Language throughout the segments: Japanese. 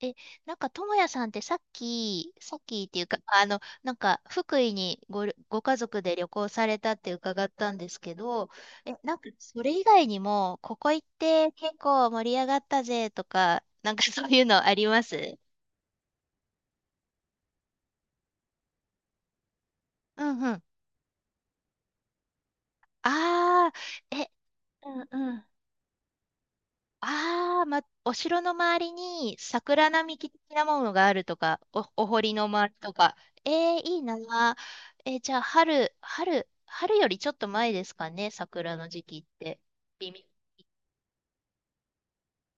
え、なんか、ともやさんってさっきっていうか、なんか、福井にご家族で旅行されたって伺ったんですけど、なんか、それ以外にも、ここ行って結構盛り上がったぜとか、なんかそういうのあります？うんうん。ああ、え、うん。ああ、ま、お城の周りに桜並木的なものがあるとか、お堀の周りとか。えーいいなあ。じゃあ、春よりちょっと前ですかね、桜の時期って。微妙。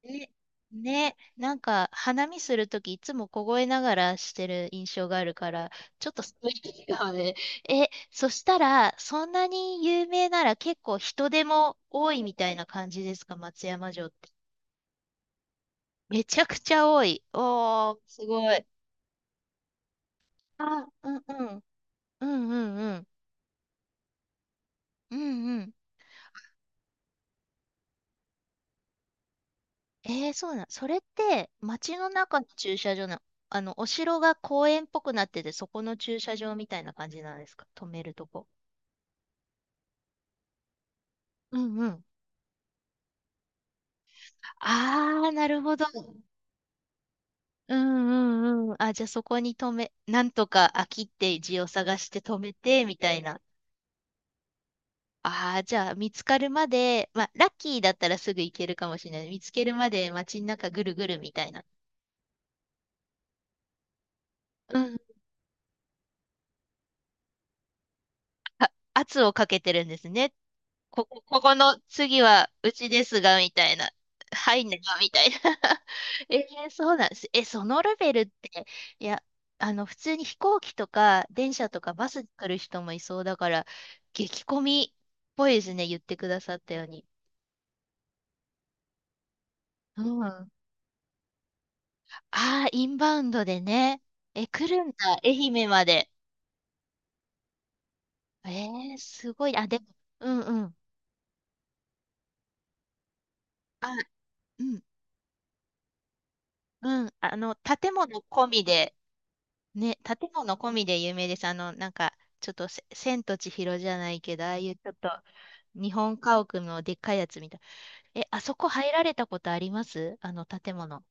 ね、ね、なんか、花見するときいつも凍えながらしてる印象があるから、ちょっと寒いですよね。そしたら、そんなに有名なら結構人手も多いみたいな感じですか、松山城って？めちゃくちゃ多い。おー、すごい。あ、うんうん。うんうんうん。うんうん。えー、そうなん。それって、街の中の駐車場の、お城が公園っぽくなってて、そこの駐車場みたいな感じなんですか止めるとこ？うんうん。あー、なるほど。うんうんうん。あ、じゃあそこになんとか飽きって字を探して止めて、みたいな。ああ、じゃあ見つかるまで、まあ、ラッキーだったらすぐ行けるかもしれない。見つけるまで街の中ぐるぐるみたいな。うん。あ、圧をかけてるんですね。ここの次はうちですが、みたいな。入んなが、みたいな。えーそうなんです。そのレベルって、いや、普通に飛行機とか、電車とかバスで来る人もいそうだから、激混みっぽいですね、言ってくださったように。うん。ああ、インバウンドでね。来るんだ、愛媛まで。えーすごい。あ、でも、うんうん。あ、うん、うん。建物込みで、ね、建物込みで有名です。なんか、ちょっと千と千尋じゃないけど、ああいうちょっと、日本家屋のでっかいやつみたい。あそこ入られたことあります？あの建物。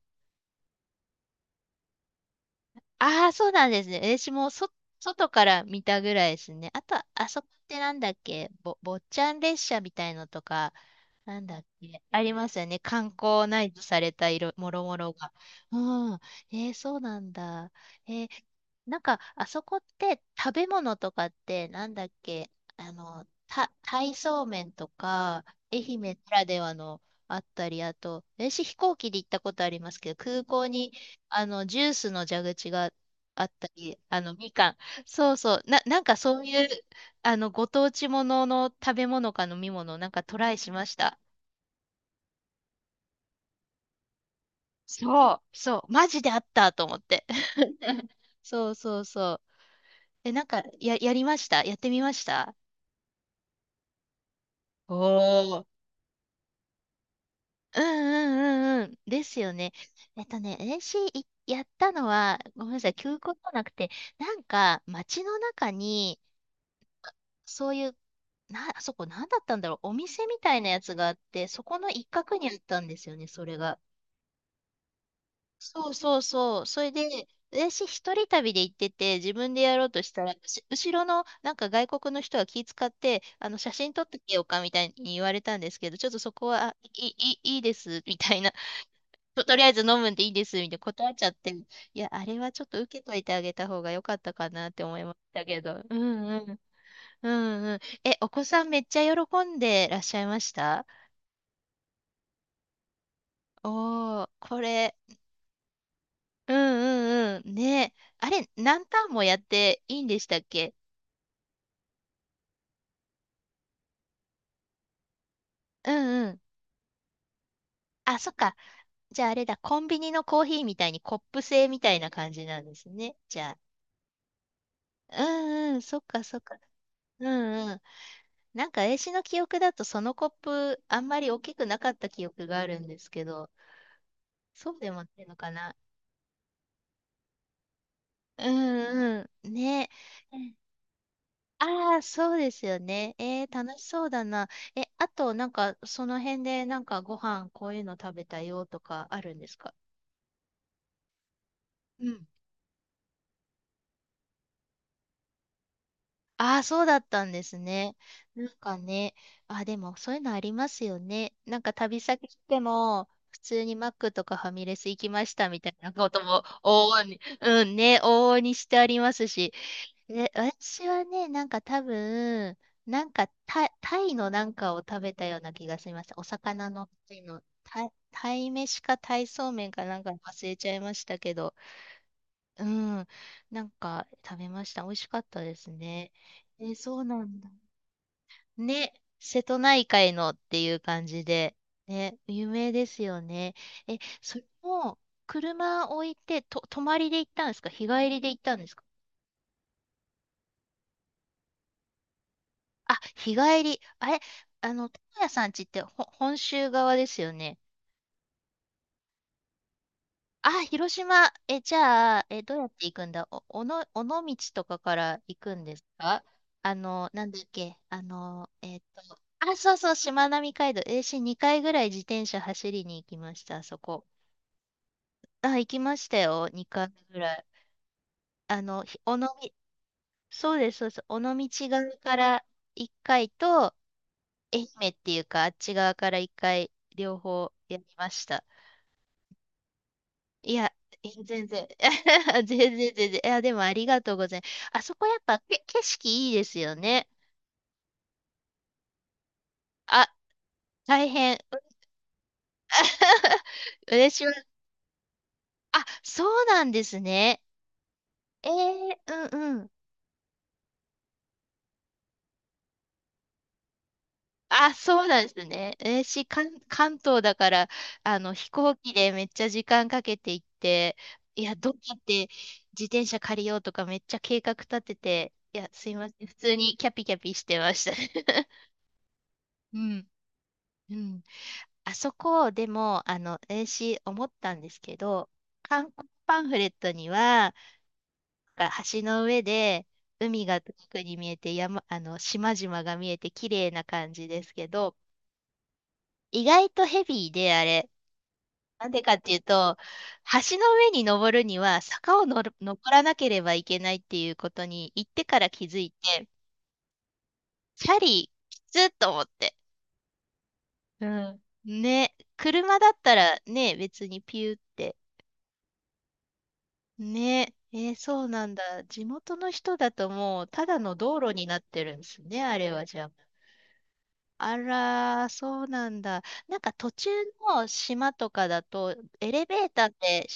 ああ、そうなんですね。私も外から見たぐらいですね。あと、あそこってなんだっけ、坊ちゃん列車みたいのとか、なんだっけ、ありますよね。観光内イされた色、もろもろが。うん。えー、そうなんだ。えーなんか、あそこって食べ物とかって、なんだっけ、鯛そうめんとか、愛媛ならではのあったり、あと、私飛行機で行ったことありますけど、空港に、ジュースの蛇口があったり、みかん。そうそう。なんかそういう、ご当地ものの食べ物か飲み物をなんかトライしました。そう、そう。マジであったと思って。そうそうそう。なんか、やりましたやってみました？おー。うんうんうんうん。ですよね。ね、n c いやったのは、ごめんなさい、休校じゃなくて、なんか、街の中に、そういう、あそこ何だったんだろう。お店みたいなやつがあって、そこの一角にあったんですよね、それが。そうそうそう。それで、私一人旅で行ってて、自分でやろうとしたら、後ろのなんか外国の人は気遣って、写真撮ってけようかみたいに言われたんですけど、ちょっとそこは、いいいです、みたいな。とりあえず飲むんでいいです、みたいな断っちゃって、いや、あれはちょっと受けといてあげた方が良かったかなって思いましたけど。うんうんうんうん。お子さんめっちゃ喜んでらっしゃいました？おー、これ。うんうんうん。ねあれ、何ターンもやっていいんでしたっけ？うんうん。あ、そっか。じゃああれだ、コンビニのコーヒーみたいにコップ製みたいな感じなんですね。じゃあ。うんうん、そっかそっか。うんうん。なんか、絵師の記憶だとそのコップ、あんまり大きくなかった記憶があるんですけど、そうでもないのかな。うんうん。ねああ、そうですよね。えー、楽しそうだな。あと、なんか、その辺で、なんか、ご飯、こういうの食べたよとか、あるんですか？うん。ああ、そうだったんですね。なんかね、あ、でもそういうのありますよね。なんか旅先来ても、普通にマックとかファミレス行きましたみたいなことも往々に、うんね、往々にしてありますし、私はね、なんか多分、なんかタイのなんかを食べたような気がしました。お魚のタイの、タイ飯かタイそうめんかなんか忘れちゃいましたけど、うん、なんか食べました。美味しかったですね。そうなんだ。ね、瀬戸内海のっていう感じで、ね、有名ですよね。それも、車置いて、泊まりで行ったんですか日帰りで行ったんですか？あ、日帰り。あれ、友也さんちって本州側ですよね。あ、広島。じゃあ、どうやって行くんだお、おの、尾道とかから行くんですか？なんだっけ、あ、そうそう、しまなみ海道。私2回ぐらい自転車走りに行きました、あそこ。あ、行きましたよ、2回ぐらい。尾道、そうです、そうです。尾道側から1回と、愛媛っていうか、あっち側から一回、両方やりました。いや、いや全然、全然、全然。いや、でもありがとうございます。あそこやっぱ景色いいですよね。あ、大変。私は、あ、そうなんですね。えー、うんうん。あ、そうなんですね。えーし、関東だから、飛行機でめっちゃ時間かけて行って、いや、どうやって自転車借りようとかめっちゃ計画立てて、いや、すいません。普通にキャピキャピしてました。うん。うん。あそこ、でも、あの、えーし、思ったんですけど、観光パンフレットには、橋の上で、海が遠くに見えて、山、島々が見えて、綺麗な感じですけど、意外とヘビーで、あれ。なんでかっていうと、橋の上に登るには坂を登らなければいけないっていうことに行ってから気づいて、チャリきつっと思って。うん。ね、車だったらね、別にピューって。ね、えーそうなんだ。地元の人だともうただの道路になってるんですね、あれはじゃあ。あらー、そうなんだ。なんか途中の島とかだと、エレベーターって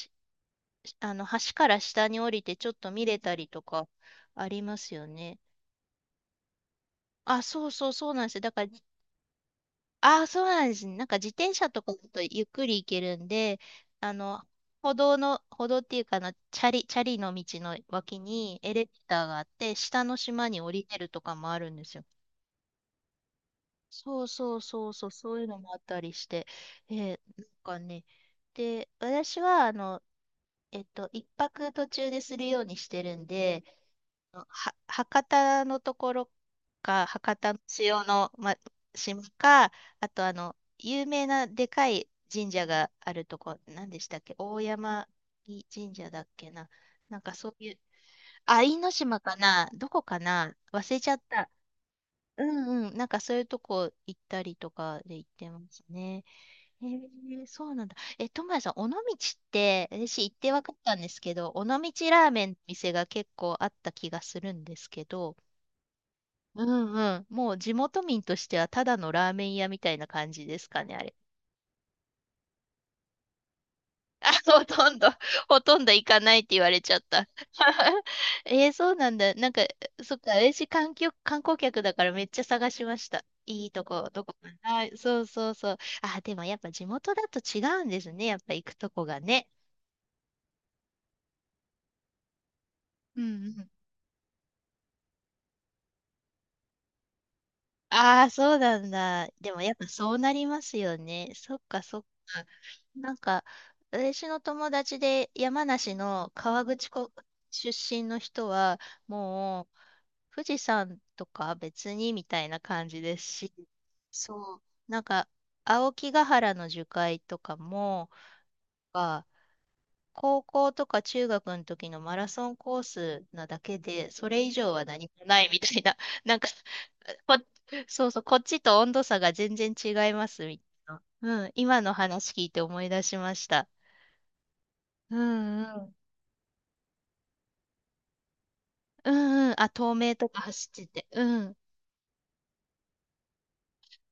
橋から下に降りてちょっと見れたりとかありますよね。あ、そうそうそうなんですよ。だから、あ、そうなんですね。なんか自転車とかだとゆっくり行けるんで、あの、歩道の、歩道っていうかチャリの道の脇にエレベーターがあって、下の島に降りてるとかもあるんですよ。そうそうそうそう、そういうのもあったりして、えーなんかね、で、私は、一泊途中でするようにしてるんで、は、博多のところか、博多の塩の、ま、島か、あと有名なでかい神社があるとこ、何でしたっけ大山神社だっけな。なんかそういう、あ、因島かなどこかな忘れちゃった。うんうん。なんかそういうとこ行ったりとかで行ってますね。えー、そうなんだ。え、トマヤさん、尾道って、私行って分かったんですけど、尾道ラーメンの店が結構あった気がするんですけど、うんうん。もう地元民としてはただのラーメン屋みたいな感じですかね、あれ。あ、ほとんど行かないって言われちゃった。えー、そうなんだ。なんか、そっか、私観光客だからめっちゃ探しました。いいとこ、どこかな。はい、そうそうそう。あ、でもやっぱ地元だと違うんですね。やっぱ行くとこがね。うんうん。ああ、そうなんだ。でもやっぱそうなりますよね。そっかそっか。なんか、私の友達で山梨の河口湖出身の人は、もう富士山とか別にみたいな感じですし、そう、なんか青木ヶ原の樹海とかも、あ高校とか中学の時のマラソンコースなだけで、それ以上は何もないみたいな、なんか、こ、そうそう、こっちと温度差が全然違いますみたいな。うん、今の話聞いて思い出しました。うんうん。うんうん。あ、透明とか走ってて。うん。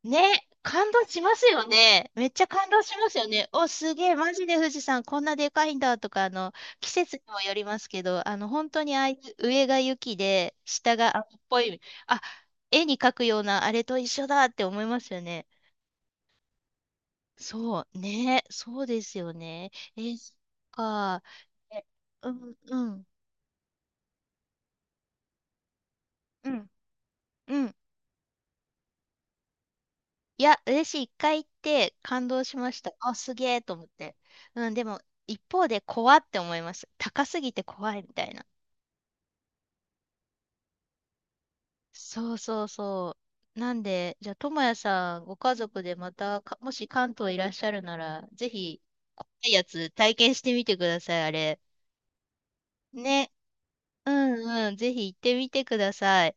ね、感動しますよね。めっちゃ感動しますよね。お、すげえ、マジで富士山こんなでかいんだとか、季節にもよりますけど、本当にああいう上が雪で、下が青っぽい、あ、絵に描くようなあれと一緒だって思いますよね。そう、ね、そうですよね。え、そっか。え、うん、うん、うん、うん。いや、嬉しい。一回行って感動しました。あ、すげえと思って。うん、でも、一方で怖って思います。高すぎて怖いみたいな。そうそうそう。なんで、じゃあ、ともやさん、ご家族でまたか、もし関東いらっしゃるなら、ぜひ、怖いやつ体験してみてください、あれ。ね。うんうん、ぜひ行ってみてください。